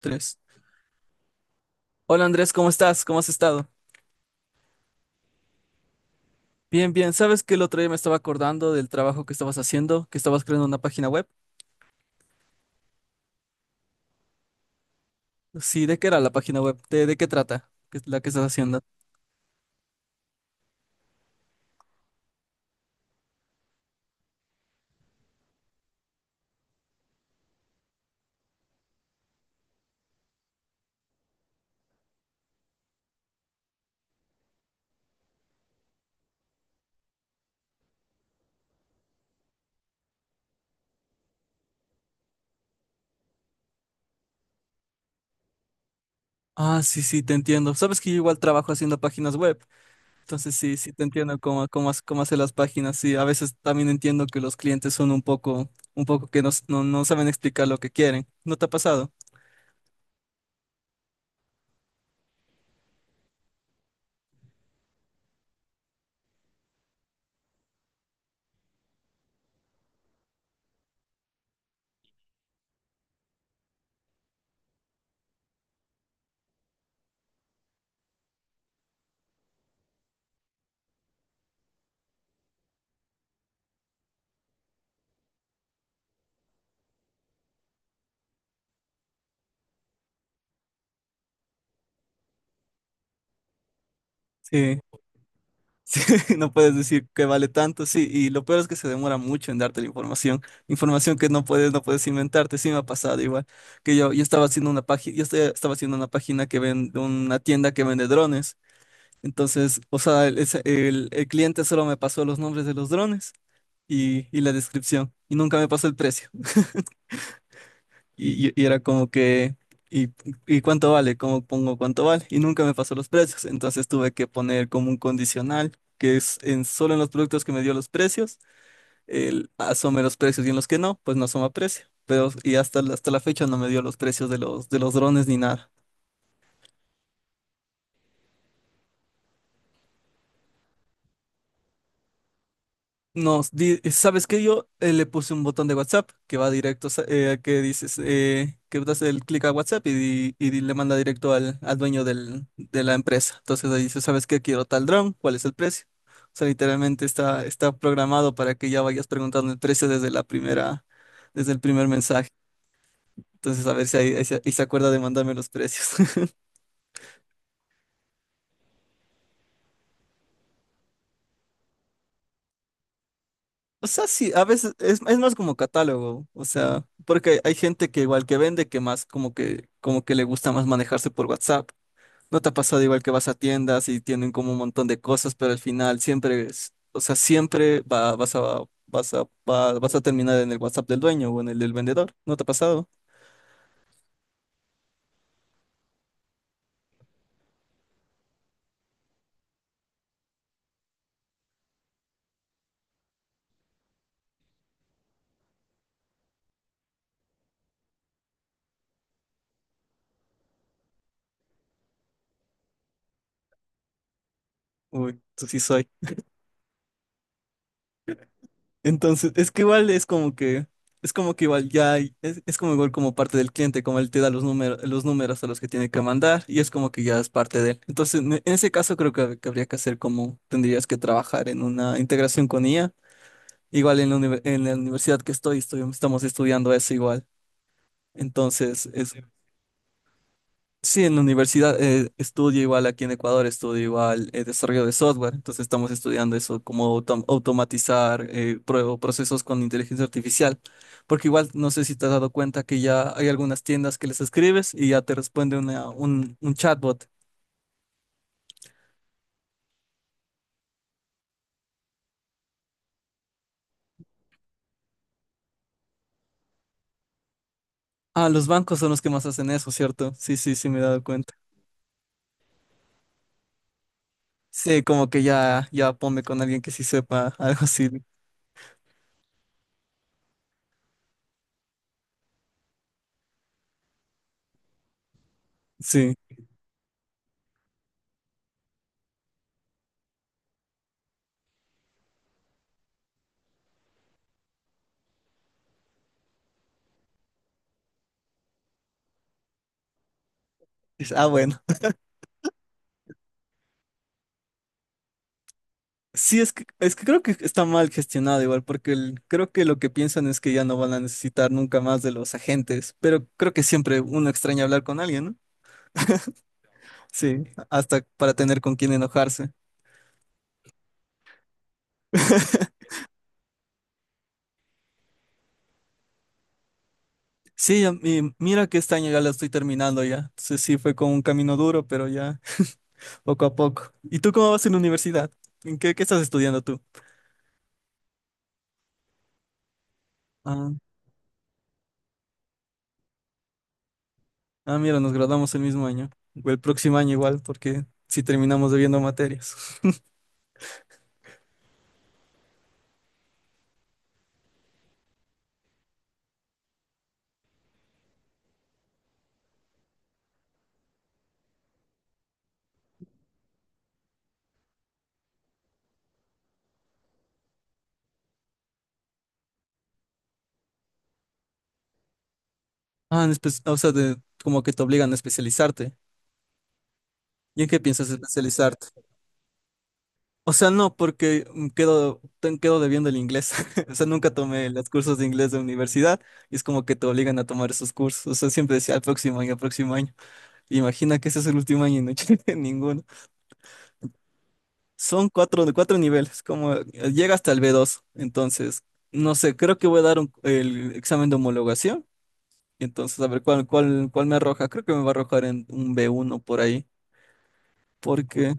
Tres. Hola Andrés, ¿cómo estás? ¿Cómo has estado? Bien, bien. ¿Sabes que el otro día me estaba acordando del trabajo que estabas haciendo, que estabas creando una página web? Sí, ¿de qué era la página web? ¿¿De qué trata? ¿Qué es la que estás haciendo? Ah, sí, sí, te entiendo. Sabes que yo igual trabajo haciendo páginas web, entonces sí, sí te entiendo cómo hacer las páginas. Sí, a veces también entiendo que los clientes son un poco que no saben explicar lo que quieren. ¿No te ha pasado? Sí. Sí, no puedes decir que vale tanto, sí, y lo peor es que se demora mucho en darte la información, información que no puedes inventarte. Sí, me ha pasado igual, que yo estaba haciendo una página. Yo estaba haciendo una página que vende, una tienda que vende drones. Entonces, o sea, el cliente solo me pasó los nombres de los drones y la descripción, y nunca me pasó el precio. Y y era como que, ¿y, ¿y cuánto vale? ¿Cómo pongo cuánto vale? Y nunca me pasó los precios. Entonces tuve que poner como un condicional, que es solo en los productos que me dio los precios, él asome los precios, y en los que no, pues no asoma precio. Pero, y hasta, hasta la fecha no me dio los precios de de los drones ni nada. ¿Sabes qué? Yo le puse un botón de WhatsApp que va directo, que dices, que das el clic a WhatsApp y, le manda directo al dueño de la empresa. Entonces ahí dice, ¿sabes qué? Quiero tal dron, ¿cuál es el precio? O sea, literalmente está programado para que ya vayas preguntando el precio desde la primera, desde el primer mensaje. Entonces, a ver si ahí se acuerda de mandarme los precios. O sea, sí, a veces es más como catálogo. O sea, porque hay gente que igual que vende, que más como que le gusta más manejarse por WhatsApp. ¿No te ha pasado igual que vas a tiendas y tienen como un montón de cosas, pero al final siempre es, o sea, siempre vas a terminar en el WhatsApp del dueño o en el del vendedor? ¿No te ha pasado? Uy, tú sí soy. Entonces, es que igual es como que igual ya, es como igual como parte del cliente, como él te da los números a los que tiene que mandar, y es como que ya es parte de él. Entonces, en ese caso creo que habría que hacer como, tendrías que trabajar en una integración con IA. Igual en la, en la universidad que estamos estudiando eso igual. Entonces, es, sí, en la universidad estudio igual, aquí en Ecuador estudio igual, desarrollo de software. Entonces estamos estudiando eso, cómo automatizar procesos con inteligencia artificial, porque igual no sé si te has dado cuenta que ya hay algunas tiendas que les escribes y ya te responde un chatbot. Ah, los bancos son los que más hacen eso, ¿cierto? Sí, sí, sí, me he dado cuenta. Sí, como que ya, ya ponme con alguien que sí sepa, algo así. Sí. Ah, bueno. Sí, es que creo que está mal gestionado igual, porque creo que lo que piensan es que ya no van a necesitar nunca más de los agentes, pero creo que siempre uno extraña hablar con alguien, ¿no? Sí, hasta para tener con quién enojarse. Sí, mira que este año ya la estoy terminando ya. Entonces sí, fue con un camino duro, pero ya poco a poco. ¿Y tú cómo vas en la universidad? ¿Qué estás estudiando tú? Ah, ah, mira, nos graduamos el mismo año, o el próximo año igual, porque sí terminamos debiendo materias. Ah, en espe- o sea, de- como que te obligan a especializarte. ¿Y en qué piensas especializarte? O sea, no, porque mm, quedo debiendo el inglés. O sea, nunca tomé los cursos de inglés de universidad, y es como que te obligan a tomar esos cursos. O sea, siempre decía al próximo año, al próximo año. Imagina que ese es el último año y no llegué a ninguno. Son cuatro, cuatro niveles, como llega hasta el B dos. Entonces, no sé, creo que voy a dar el examen de homologación. Entonces, a ver cuál me arroja. Creo que me va a arrojar en un B uno por ahí. Porque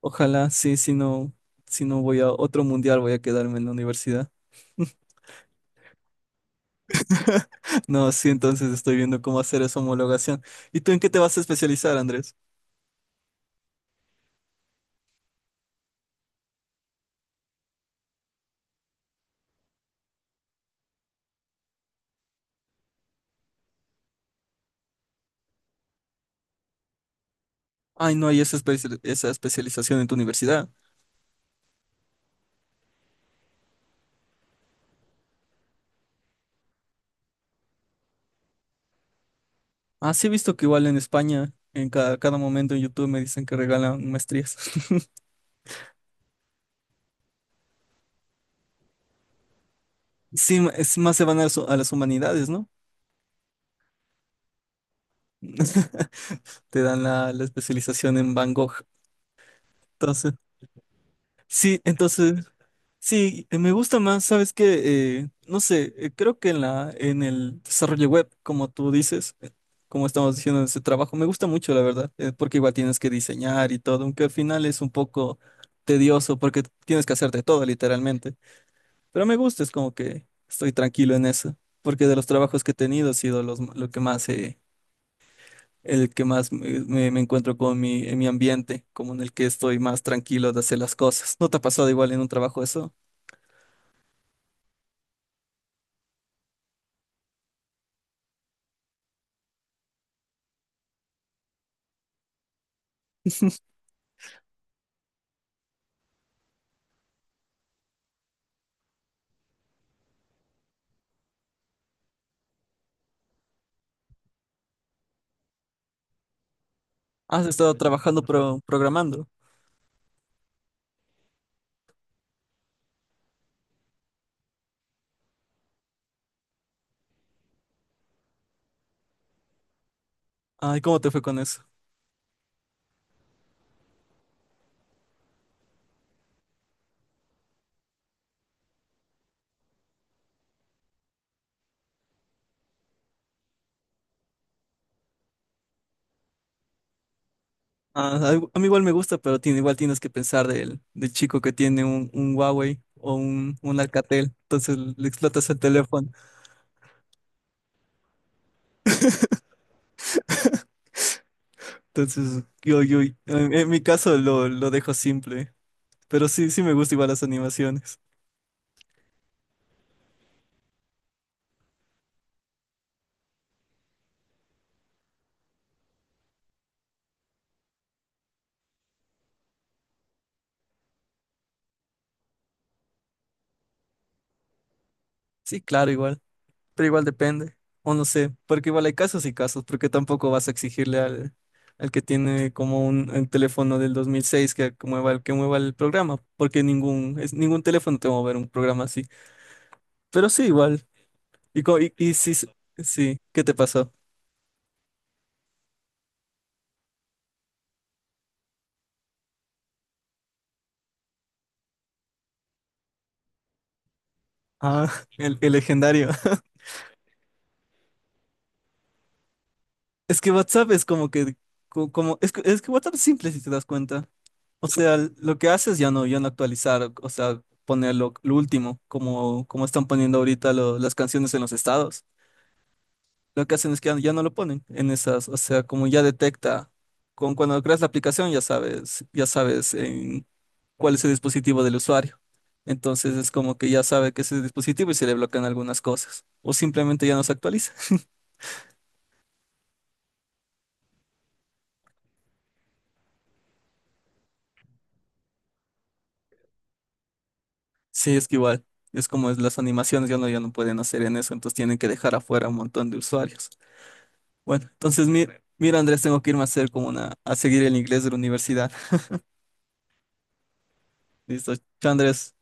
ojalá sí, si no, si no voy a otro mundial, voy a quedarme en la universidad. No, sí, entonces estoy viendo cómo hacer esa homologación. ¿Y tú en qué te vas a especializar, Andrés? Ay, no hay esa, esa especialización en tu universidad. Ah, sí, he visto que igual en España, en cada momento en YouTube me dicen que regalan maestrías. Sí, es más se van a, las humanidades, ¿no? Te dan la, la especialización en Van Gogh. Entonces, sí, entonces, sí, me gusta más. ¿Sabes que no sé? Creo que en en el desarrollo web, como tú dices, como estamos diciendo en ese trabajo, me gusta mucho, la verdad, porque igual tienes que diseñar y todo, aunque al final es un poco tedioso porque tienes que hacerte todo, literalmente. Pero me gusta, es como que estoy tranquilo en eso, porque de los trabajos que he tenido ha sido lo que más, el que más me, me- me encuentro con en mi ambiente, como en el que estoy más tranquilo de hacer las cosas. ¿No te ha pasado igual en un trabajo eso? Has estado trabajando programando. Ay, ¿cómo te fue con eso? Ah, a mí igual me gusta, pero tiene, igual tienes que pensar del chico que tiene un Huawei o un Alcatel, entonces le explotas el teléfono. Entonces, en mi caso lo dejo simple, pero sí, sí me gusta igual las animaciones. Sí, claro, igual. Pero igual depende, o no sé, porque igual hay casos y casos, porque tampoco vas a exigirle al que tiene como un teléfono del 2006 que mueva, que mueva el programa, porque ningún, es, ningún teléfono te va a mover un programa así. Pero sí, igual. Y sí, sí, ¿qué te pasó? Ah, el legendario. Es que WhatsApp es como que, es que, es que WhatsApp es simple si te das cuenta. O sea, lo que haces ya ya no actualizar, o sea, poner lo último, como están poniendo ahorita las canciones en los estados. Lo que hacen es que ya, ya no lo ponen en esas, o sea, como ya detecta, cuando creas la aplicación ya sabes en cuál es el dispositivo del usuario. Entonces es como que ya sabe que es el dispositivo y se le bloquean algunas cosas, o simplemente ya no se actualiza. Sí, es que igual, es como es las animaciones, ya no, ya no pueden hacer en eso, entonces tienen que dejar afuera un montón de usuarios. Bueno, entonces mira, Andrés, tengo que irme a hacer como una, a seguir el inglés de la universidad. Listo, chao, Andrés.